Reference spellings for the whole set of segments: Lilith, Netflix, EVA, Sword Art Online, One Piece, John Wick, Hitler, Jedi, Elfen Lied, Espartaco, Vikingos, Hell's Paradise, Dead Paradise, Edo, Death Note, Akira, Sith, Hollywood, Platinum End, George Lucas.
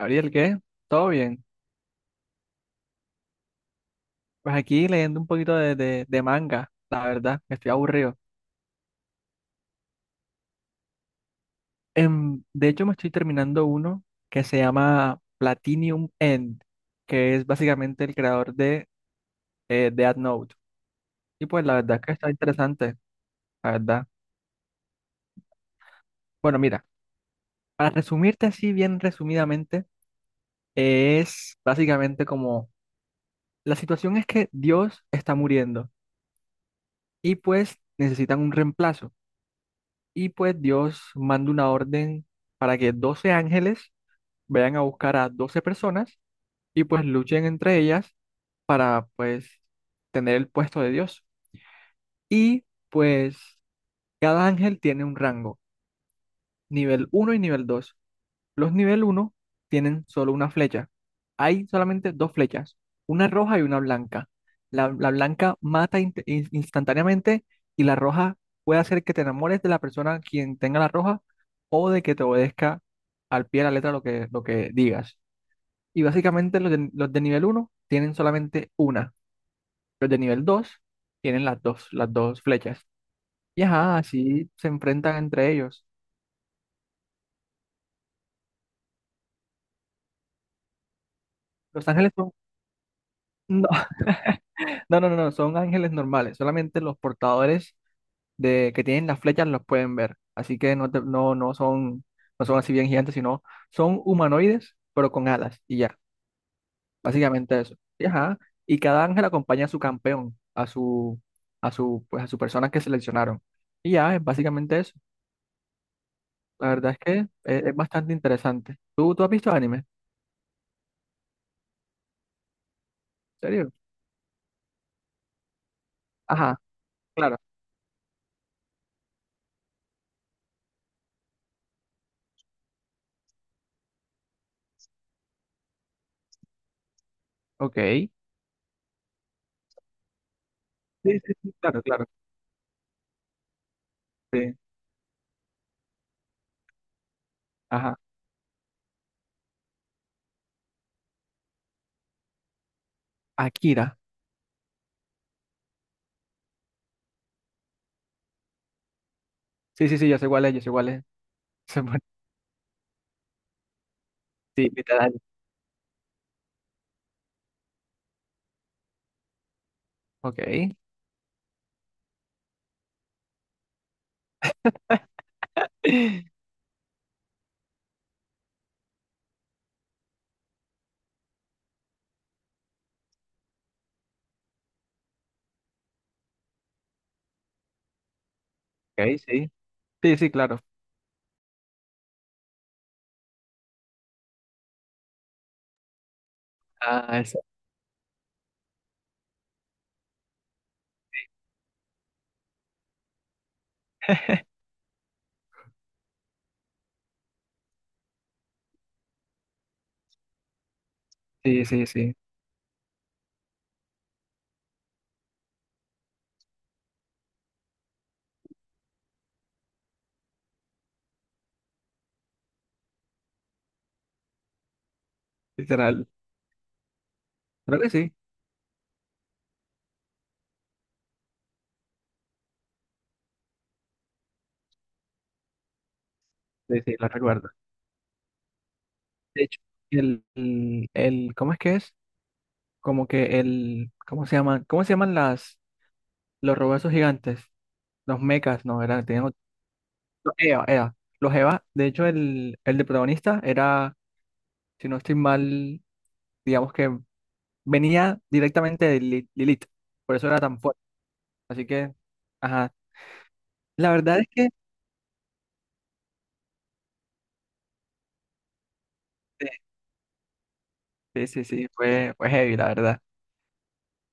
Gabriel, ¿qué? ¿Todo bien? Pues aquí leyendo un poquito de manga, la verdad, estoy aburrido. De hecho, me estoy terminando uno que se llama Platinum End, que es básicamente el creador de Death Note. Y pues la verdad es que está interesante, la verdad. Bueno, mira, para resumirte así bien resumidamente, es básicamente como la situación es que Dios está muriendo y pues necesitan un reemplazo. Y pues Dios manda una orden para que 12 ángeles vayan a buscar a 12 personas y pues luchen entre ellas para pues tener el puesto de Dios. Y pues cada ángel tiene un rango, nivel uno y nivel dos. Los nivel uno tienen solo una flecha. Hay solamente dos flechas, una roja y una blanca. La blanca mata instantáneamente y la roja puede hacer que te enamores de la persona quien tenga la roja o de que te obedezca al pie de la letra lo que digas. Y básicamente los de nivel uno tienen solamente una. Los de nivel 2 tienen las dos flechas. Y ajá, así se enfrentan entre ellos. Los ángeles son... no, no, no, no, no, son ángeles normales. Solamente los portadores de que tienen las flechas los pueden ver. Así que no, no son, no son así bien gigantes, sino son humanoides, pero con alas. Y ya, básicamente eso. Y, ajá, y cada ángel acompaña a su campeón, pues a su persona que seleccionaron. Y ya, es básicamente eso. La verdad es que es bastante interesante. ¿Tú has visto anime? ¿En serio? Ajá, claro. Ok. Sí, sí, sí, claro, claro. Sí. Ajá. Akira. Sí, sí, sí, yo sé cuál es, yo sé cuál es. Sí, mitad año. Ok. Ok, sí. Sí, sí, claro. Ah, esa. Sí, sí, sí. Literal. Creo que sí. Sí, sí, la recuerdo. De hecho, ¿cómo es que es? Como que el, ¿cómo se llaman? ¿Cómo se llaman los robots gigantes? Los mechas, no, eran tenían los EVA, EVA. Los EVA, de hecho, el de protagonista era, si no estoy mal, digamos que venía directamente de Lilith. Por eso era tan fuerte. Así que, ajá. La verdad es que sí, sí, sí, fue, fue heavy, la verdad.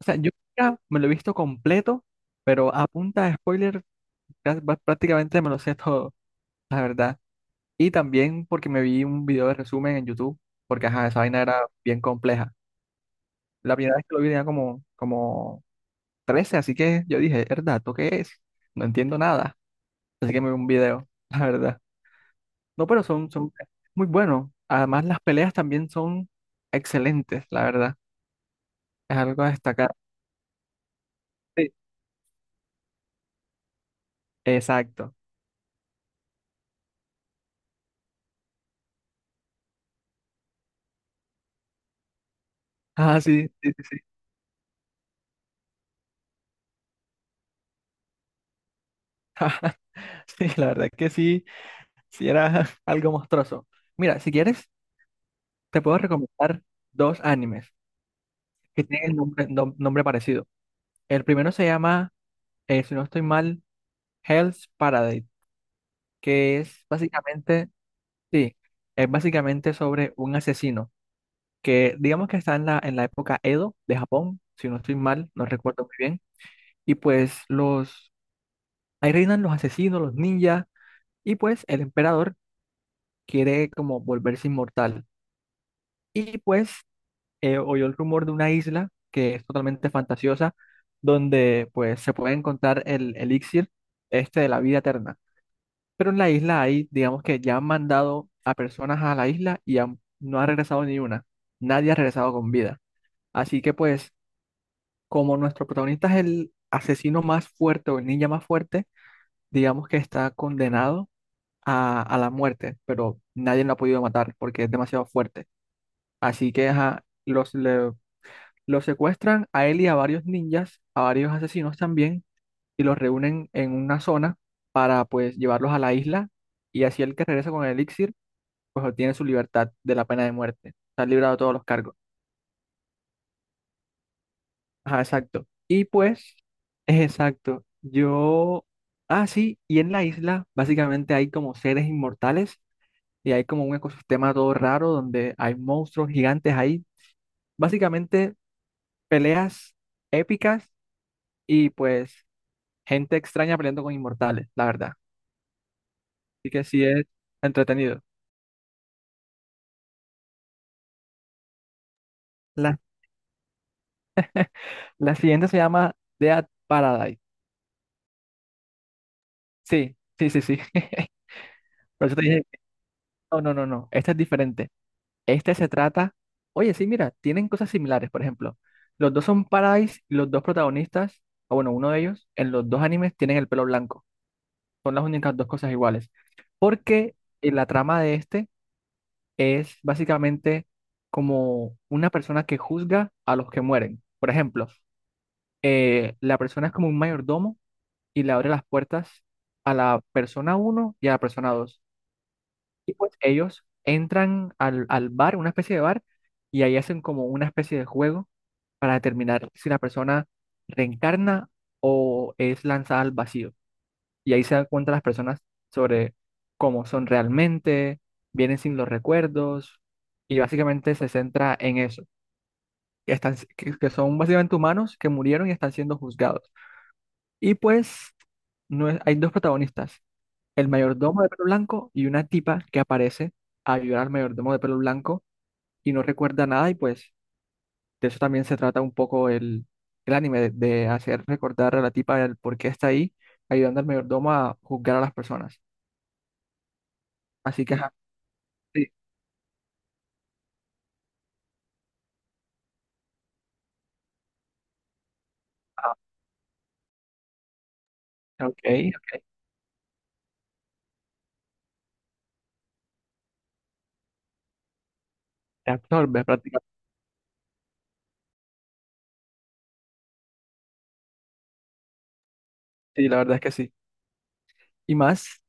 O sea, yo nunca me lo he visto completo, pero a punta de spoiler prácticamente me lo sé todo, la verdad. Y también porque me vi un video de resumen en YouTube, porque ajá, esa vaina era bien compleja. La primera vez que lo vi tenía como 13, así que yo dije, ¿verdad? ¿Esto qué es? No entiendo nada. Así que me vi un video, la verdad. No, pero son muy buenos. Además, las peleas también son excelentes, la verdad. Es algo a destacar. Sí, exacto. Ah, sí, sí, sí, sí. Ah, sí, la verdad que sí, sí era algo monstruoso. Mira, si quieres, te puedo recomendar dos animes que tienen nombre parecido. El primero se llama, si no estoy mal, Hell's Paradise, que es básicamente, sí, es básicamente sobre un asesino que digamos que está en en la época Edo de Japón, si no estoy mal, no recuerdo muy bien. Y pues los, ahí reinan los asesinos, los ninjas, y pues el emperador quiere como volverse inmortal. Y pues oyó el rumor de una isla que es totalmente fantasiosa, donde pues se puede encontrar el elixir este de la vida eterna. Pero en la isla hay, digamos que ya han mandado a personas a la isla y no ha regresado ni una. Nadie ha regresado con vida. Así que pues, como nuestro protagonista es el asesino más fuerte o el ninja más fuerte, digamos que está condenado a la muerte, pero nadie lo ha podido matar porque es demasiado fuerte. Así que ajá, lo secuestran a él y a varios ninjas, a varios asesinos también, y los reúnen en una zona para pues llevarlos a la isla y así el que regresa con el elixir pues obtiene su libertad de la pena de muerte. Está librado de todos los cargos. Ajá, exacto. Y pues, exacto, yo... Ah, sí, y en la isla básicamente hay como seres inmortales y hay como un ecosistema todo raro donde hay monstruos gigantes ahí. Básicamente peleas épicas y pues gente extraña peleando con inmortales, la verdad. Así que sí es entretenido. La, la siguiente se llama Dead Paradise. Sí, sí, sí, sí. Por eso te dije, no, no, no, no, esta es diferente. Este se trata, oye, sí, mira, tienen cosas similares, por ejemplo. Los dos son Paradise y los dos protagonistas, o bueno, uno de ellos, en los dos animes tienen el pelo blanco. Son las únicas dos cosas iguales. Porque la trama de este es básicamente como una persona que juzga a los que mueren. Por ejemplo, la persona es como un mayordomo y le abre las puertas a la persona uno y a la persona dos. Y pues ellos entran al bar, una especie de bar, y ahí hacen como una especie de juego para determinar si la persona reencarna o es lanzada al vacío. Y ahí se dan cuenta las personas sobre cómo son realmente, vienen sin los recuerdos, y básicamente se centra en eso, que, están, que son básicamente humanos que murieron y están siendo juzgados. Y pues no es- hay dos protagonistas, el mayordomo de pelo blanco y una tipa que aparece a ayudar al mayordomo de pelo blanco y no recuerda nada y pues de eso también se trata un poco el anime, de hacer recordar a la tipa el por qué está ahí ayudando al mayordomo a juzgar a las personas. Así que, ajá, sí, ah, ok, ok, te absorbe prácticamente, sí, la verdad es que sí. Y más,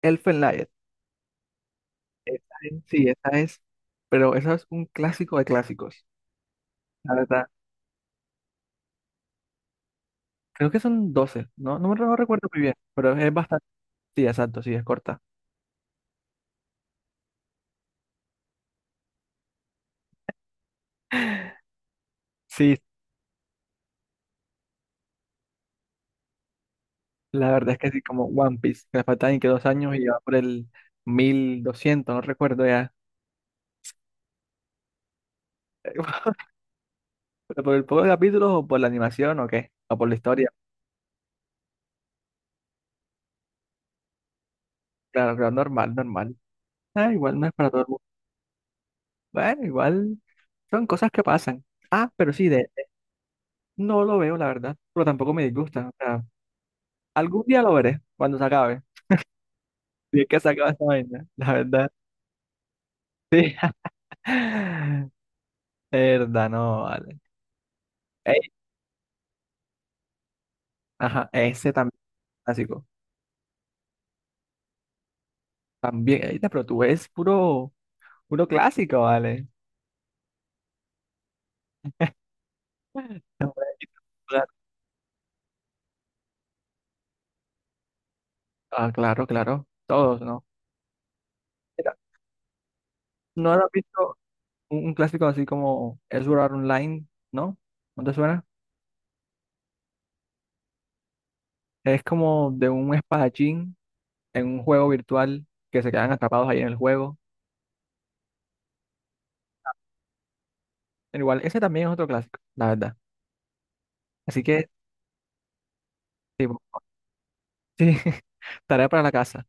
Elfen Lied, sí, esa es, pero esa es un clásico de clásicos. Creo que son 12, no, no me, no recuerdo muy bien, pero es bastante, sí, exacto, sí, es corta. Sí, la verdad es que sí, como One Piece, que le faltan y que 2 años y va por el 1200, no recuerdo ya. ¿Pero por el poco de capítulos o por la animación o qué? ¿O por la historia? Claro, claro, normal, normal. Ah, igual no es para todo el mundo. Bueno, igual son cosas que pasan. Ah, pero sí, de, no lo veo, la verdad, pero tampoco me disgusta. O sea, algún día lo veré, cuando se acabe. Si es que se acaba esta vaina, la verdad. Sí. Verdad, no, vale. Ey, ajá, ese también clásico. También, ey, pero tú ves puro, puro clásico, ¿vale? No, Ah, claro, claro. Todos, ¿no? Mira, ¿no has visto un clásico así como Sword Art Online? ¿No? ¿No te suena? Es como de un espadachín en un juego virtual que se quedan atrapados ahí en el juego. Pero igual, ese también es otro clásico, la verdad. Así que, tipo, sí, tarea para la casa.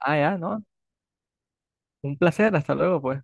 Ah, ya, ¿no? Un placer, hasta luego, pues.